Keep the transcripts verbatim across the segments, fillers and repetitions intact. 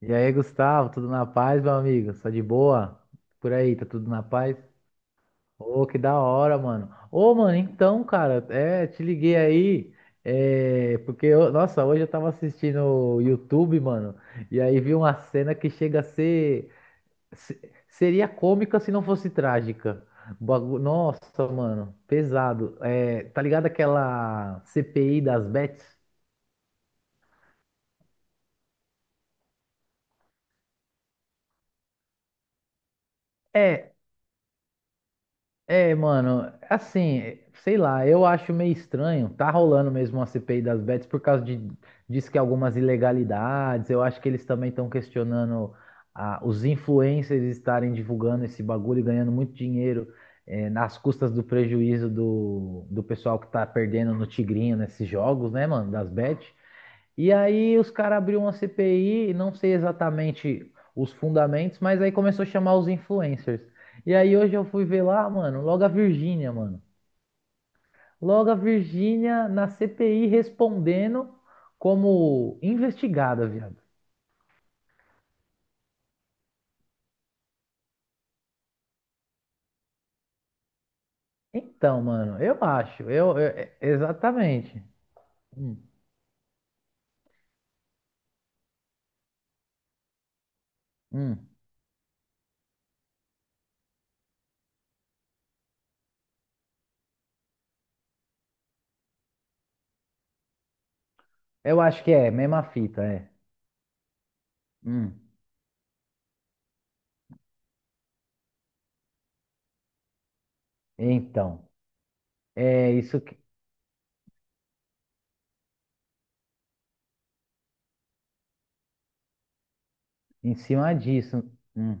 E aí, Gustavo, tudo na paz, meu amigo? Só de boa? Por aí, tá tudo na paz? Ô, que da hora, mano. Ô, mano, então, cara, é, te liguei aí, é, porque, eu- nossa, hoje eu tava assistindo o YouTube, mano, e aí vi uma cena que chega a ser, se- seria cômica se não fosse trágica. Bagu- Nossa, mano, pesado. É, tá ligado aquela C P I das bets? É. É, mano, assim, sei lá, eu acho meio estranho. Tá rolando mesmo uma C P I das bets por causa de, diz que algumas ilegalidades. Eu acho que eles também estão questionando, ah, os influencers estarem divulgando esse bagulho e ganhando muito dinheiro, eh, nas custas do prejuízo do, do pessoal que tá perdendo no Tigrinho nesses jogos, né, mano, das bets. E aí os caras abriram uma C P I, não sei exatamente os fundamentos, mas aí começou a chamar os influencers. E aí hoje eu fui ver lá, mano, logo a Virgínia, mano. Logo a Virgínia na C P I respondendo como investigada, viado. Então, mano, eu acho, eu, eu- é- exatamente. Hum, hum. Eu acho que é mesma fita, é. Hum. Então, é isso que, em cima disso. Hum.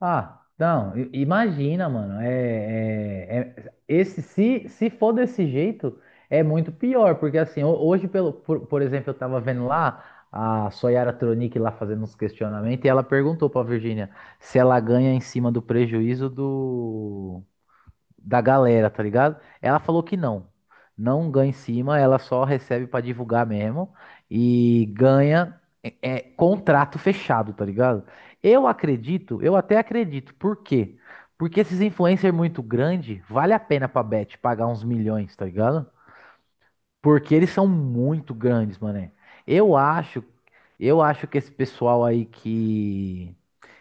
Ah, não, i- imagina, mano. É, é- é- esse, se, se for desse jeito, é muito pior, porque assim, ho- hoje, pelo, por, por exemplo, eu tava vendo lá a Soyara Tronic lá fazendo uns questionamentos, e ela perguntou pra Virgínia se ela ganha em cima do prejuízo do, da galera, tá ligado? Ela falou que não. Não ganha em cima, ela só recebe pra divulgar mesmo e ganha é, é, contrato fechado, tá ligado? Eu acredito, eu até acredito. Por quê? Porque esses influencers muito grande, vale a pena pra Bet pagar uns milhões, tá ligado? Porque eles são muito grandes, mané. Eu acho, eu acho que esse pessoal aí que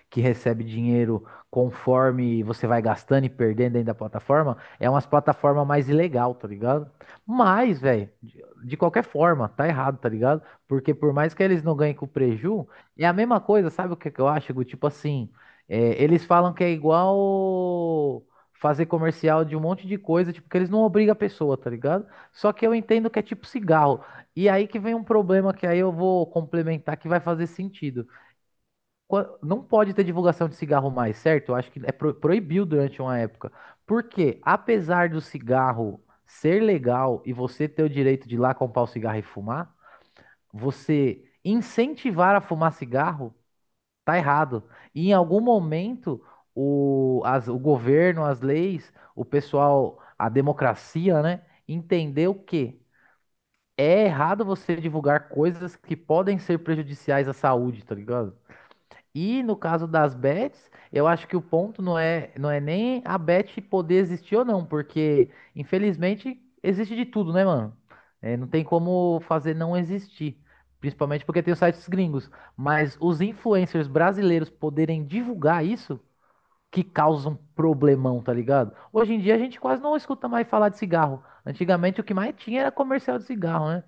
que recebe dinheiro conforme você vai gastando e perdendo dentro da plataforma, é umas plataformas mais ilegal, tá ligado? Mas, velho, de de qualquer forma, tá errado, tá ligado? Porque por mais que eles não ganhem com preju, é a mesma coisa, sabe o que que eu acho, Gu? Tipo assim, é, eles falam que é igual fazer comercial de um monte de coisa, tipo, que eles não obrigam a pessoa, tá ligado? Só que eu entendo que é tipo cigarro. E aí que vem um problema que aí eu vou complementar que vai fazer sentido. qua- Não pode ter divulgação de cigarro mais, certo? Eu acho que é pro- proibiu durante uma época. Porque, apesar do cigarro ser legal e você ter o direito de ir lá comprar o cigarro e fumar, você incentivar a fumar cigarro tá errado. E em algum momento, o, as- o governo, as leis, o pessoal, a democracia, né, entendeu que é errado você divulgar coisas que podem ser prejudiciais à saúde, tá ligado? E no caso das bets, eu acho que o ponto não é, não é nem a bet poder existir ou não, porque infelizmente existe de tudo, né, mano? É, não tem como fazer não existir, principalmente porque tem os sites gringos. Mas os influencers brasileiros poderem divulgar isso que causa um problemão, tá ligado? Hoje em dia a gente quase não escuta mais falar de cigarro. Antigamente o que mais tinha era comercial de cigarro, né?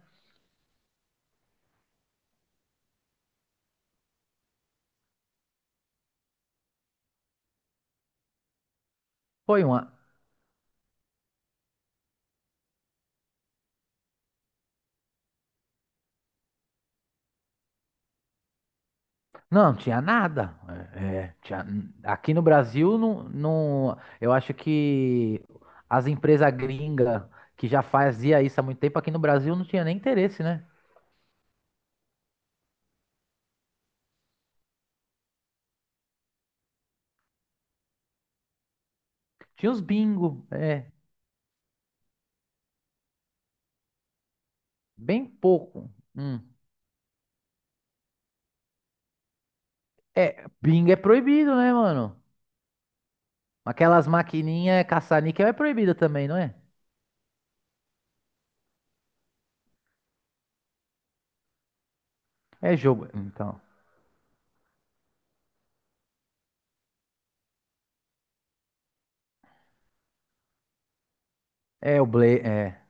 Foi uma. Não, tinha nada. É, é, tinha- Aqui no Brasil, não, não, eu acho que as empresas gringas que já fazia isso há muito tempo, aqui no Brasil não tinha nem interesse, né? Tinha os bingo, é, bem pouco. Hum. É, bingo é proibido, né, mano? Aquelas maquininhas caça-níquel é proibida também, não é? É jogo, então. É o Ble, é.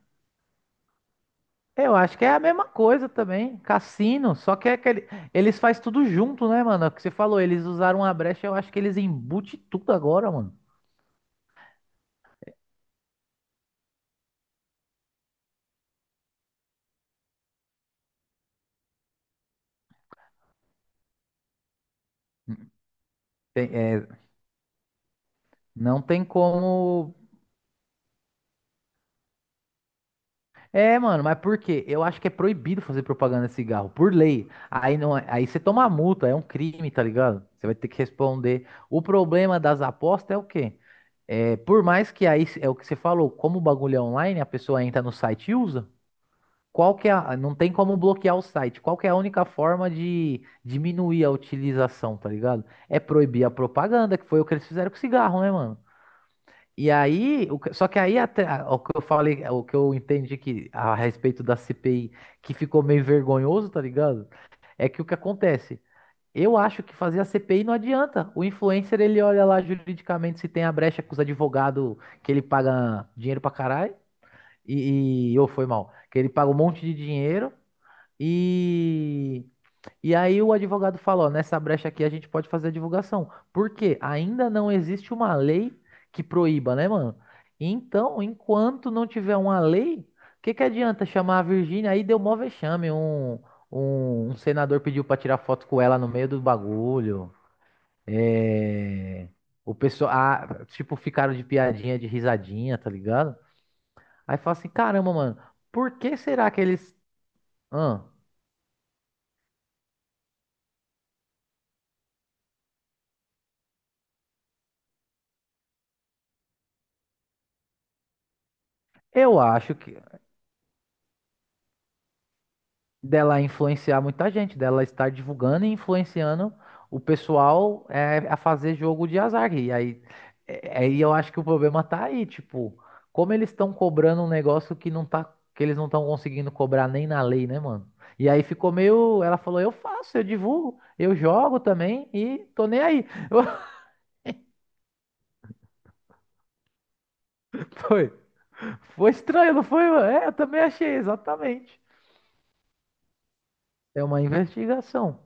É, eu acho que é a mesma coisa também, cassino, só que é aquele, eles faz tudo junto, né, mano? É o que você falou, eles usaram uma brecha, eu acho que eles embute tudo agora, mano. Tem- é, não tem como. É, mano, mas por quê? Eu acho que é proibido fazer propaganda de cigarro, por lei. Aí não, é- aí você toma multa, é um crime, tá ligado? Você vai ter que responder. O problema das apostas é o quê? É, por mais que aí é o que você falou, como o bagulho é online, a pessoa entra no site e usa. Qual que é a, não tem como bloquear o site. Qual que é a única forma de diminuir a utilização, tá ligado? É proibir a propaganda, que foi o que eles fizeram com o cigarro, né, mano? E aí, o que- só que aí até o que eu falei, o que eu entendi que a respeito da C P I, que ficou meio vergonhoso, tá ligado? É que o que acontece? Eu acho que fazer a C P I não adianta. O influencer, ele olha lá juridicamente se tem a brecha com os advogados que ele paga dinheiro pra caralho e, e ou foi mal, que ele paga um monte de dinheiro. E, e aí o advogado falou, nessa brecha aqui a gente pode fazer a divulgação. Por quê? Ainda não existe uma lei que proíba, né, mano? Então, enquanto não tiver uma lei, o que que adianta chamar a Virgínia? Aí deu mó vexame, um, um, um senador pediu pra tirar foto com ela no meio do bagulho. É, o pessoal, ah, tipo, ficaram de piadinha, de risadinha, tá ligado? Aí fala assim, caramba, mano, por que será que eles... Ahn? Eu acho que dela influenciar muita gente, dela estar divulgando e influenciando o pessoal, é, a fazer jogo de azar. E aí, é, aí eu acho que o problema tá aí, tipo, como eles estão cobrando um negócio que não tá, que eles não estão conseguindo cobrar nem na lei, né, mano? E aí ficou meio, ela falou, eu faço, eu divulgo, eu jogo também e tô nem aí. Foi, foi estranho, não foi, mano? É, eu também achei, exatamente. É uma investigação.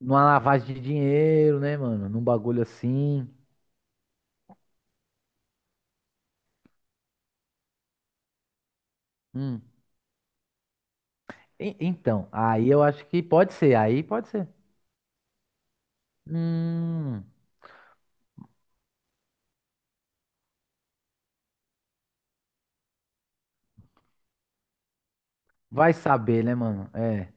Numa lavagem de dinheiro, né, mano? Num bagulho assim. Hum. E- Então, aí eu acho que pode ser, aí pode ser. Hum, vai saber, né, mano? É.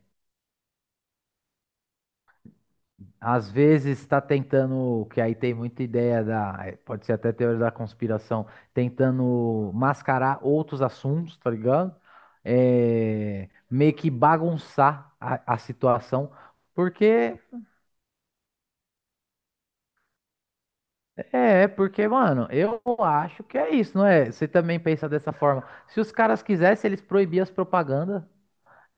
Às vezes tá tentando, que aí tem muita ideia da, é, pode ser até teoria da conspiração, tentando mascarar outros assuntos, tá ligado? É, meio que bagunçar a, a situação, porque é, é, porque, mano, eu acho que é isso, não é? Você também pensa dessa forma. Se os caras quisessem, eles proibiam as propagandas.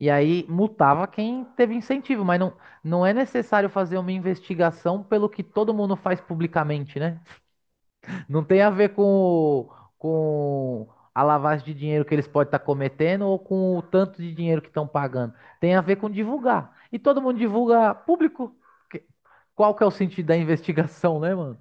E aí multava quem teve incentivo, mas não, não é necessário fazer uma investigação pelo que todo mundo faz publicamente, né? Não tem a ver com, o- com a lavagem de dinheiro que eles podem estar cometendo ou com o tanto de dinheiro que estão pagando. Tem a ver com divulgar. E todo mundo divulga público. Que- Qual que é o sentido da investigação, né, mano?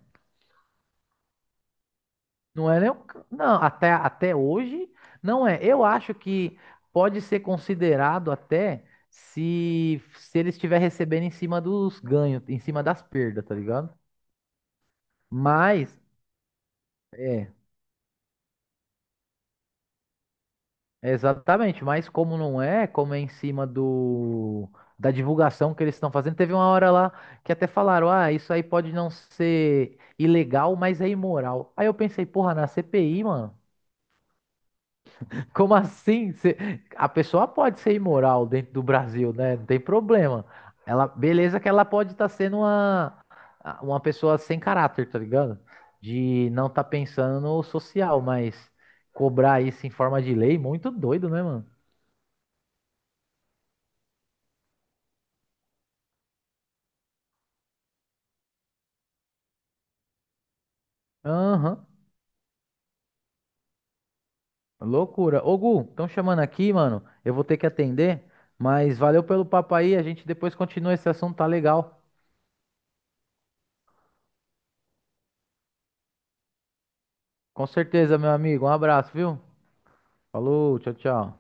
Não é nem o ca- não, até, até hoje não é. Eu acho que pode ser considerado até se, se ele estiver recebendo em cima dos ganhos, em cima das perdas, tá ligado? Mas, é, exatamente. Mas como não é, como é em cima do, da divulgação que eles estão fazendo, teve uma hora lá que até falaram, ah, isso aí pode não ser ilegal, mas é imoral. Aí eu pensei, porra, na C P I, mano. Como assim? Cê- A pessoa pode ser imoral dentro do Brasil, né? Não tem problema. Ela, beleza que ela pode estar sendo uma, uma pessoa sem caráter, tá ligado? De não estar pensando no social, mas cobrar isso em forma de lei, muito doido, né, mano? Aham, loucura. Ô, Gu, estão chamando aqui, mano. Eu vou ter que atender, mas valeu pelo papo aí. A gente depois continua esse assunto, tá legal? Com certeza, meu amigo. Um abraço, viu? Falou, tchau, tchau.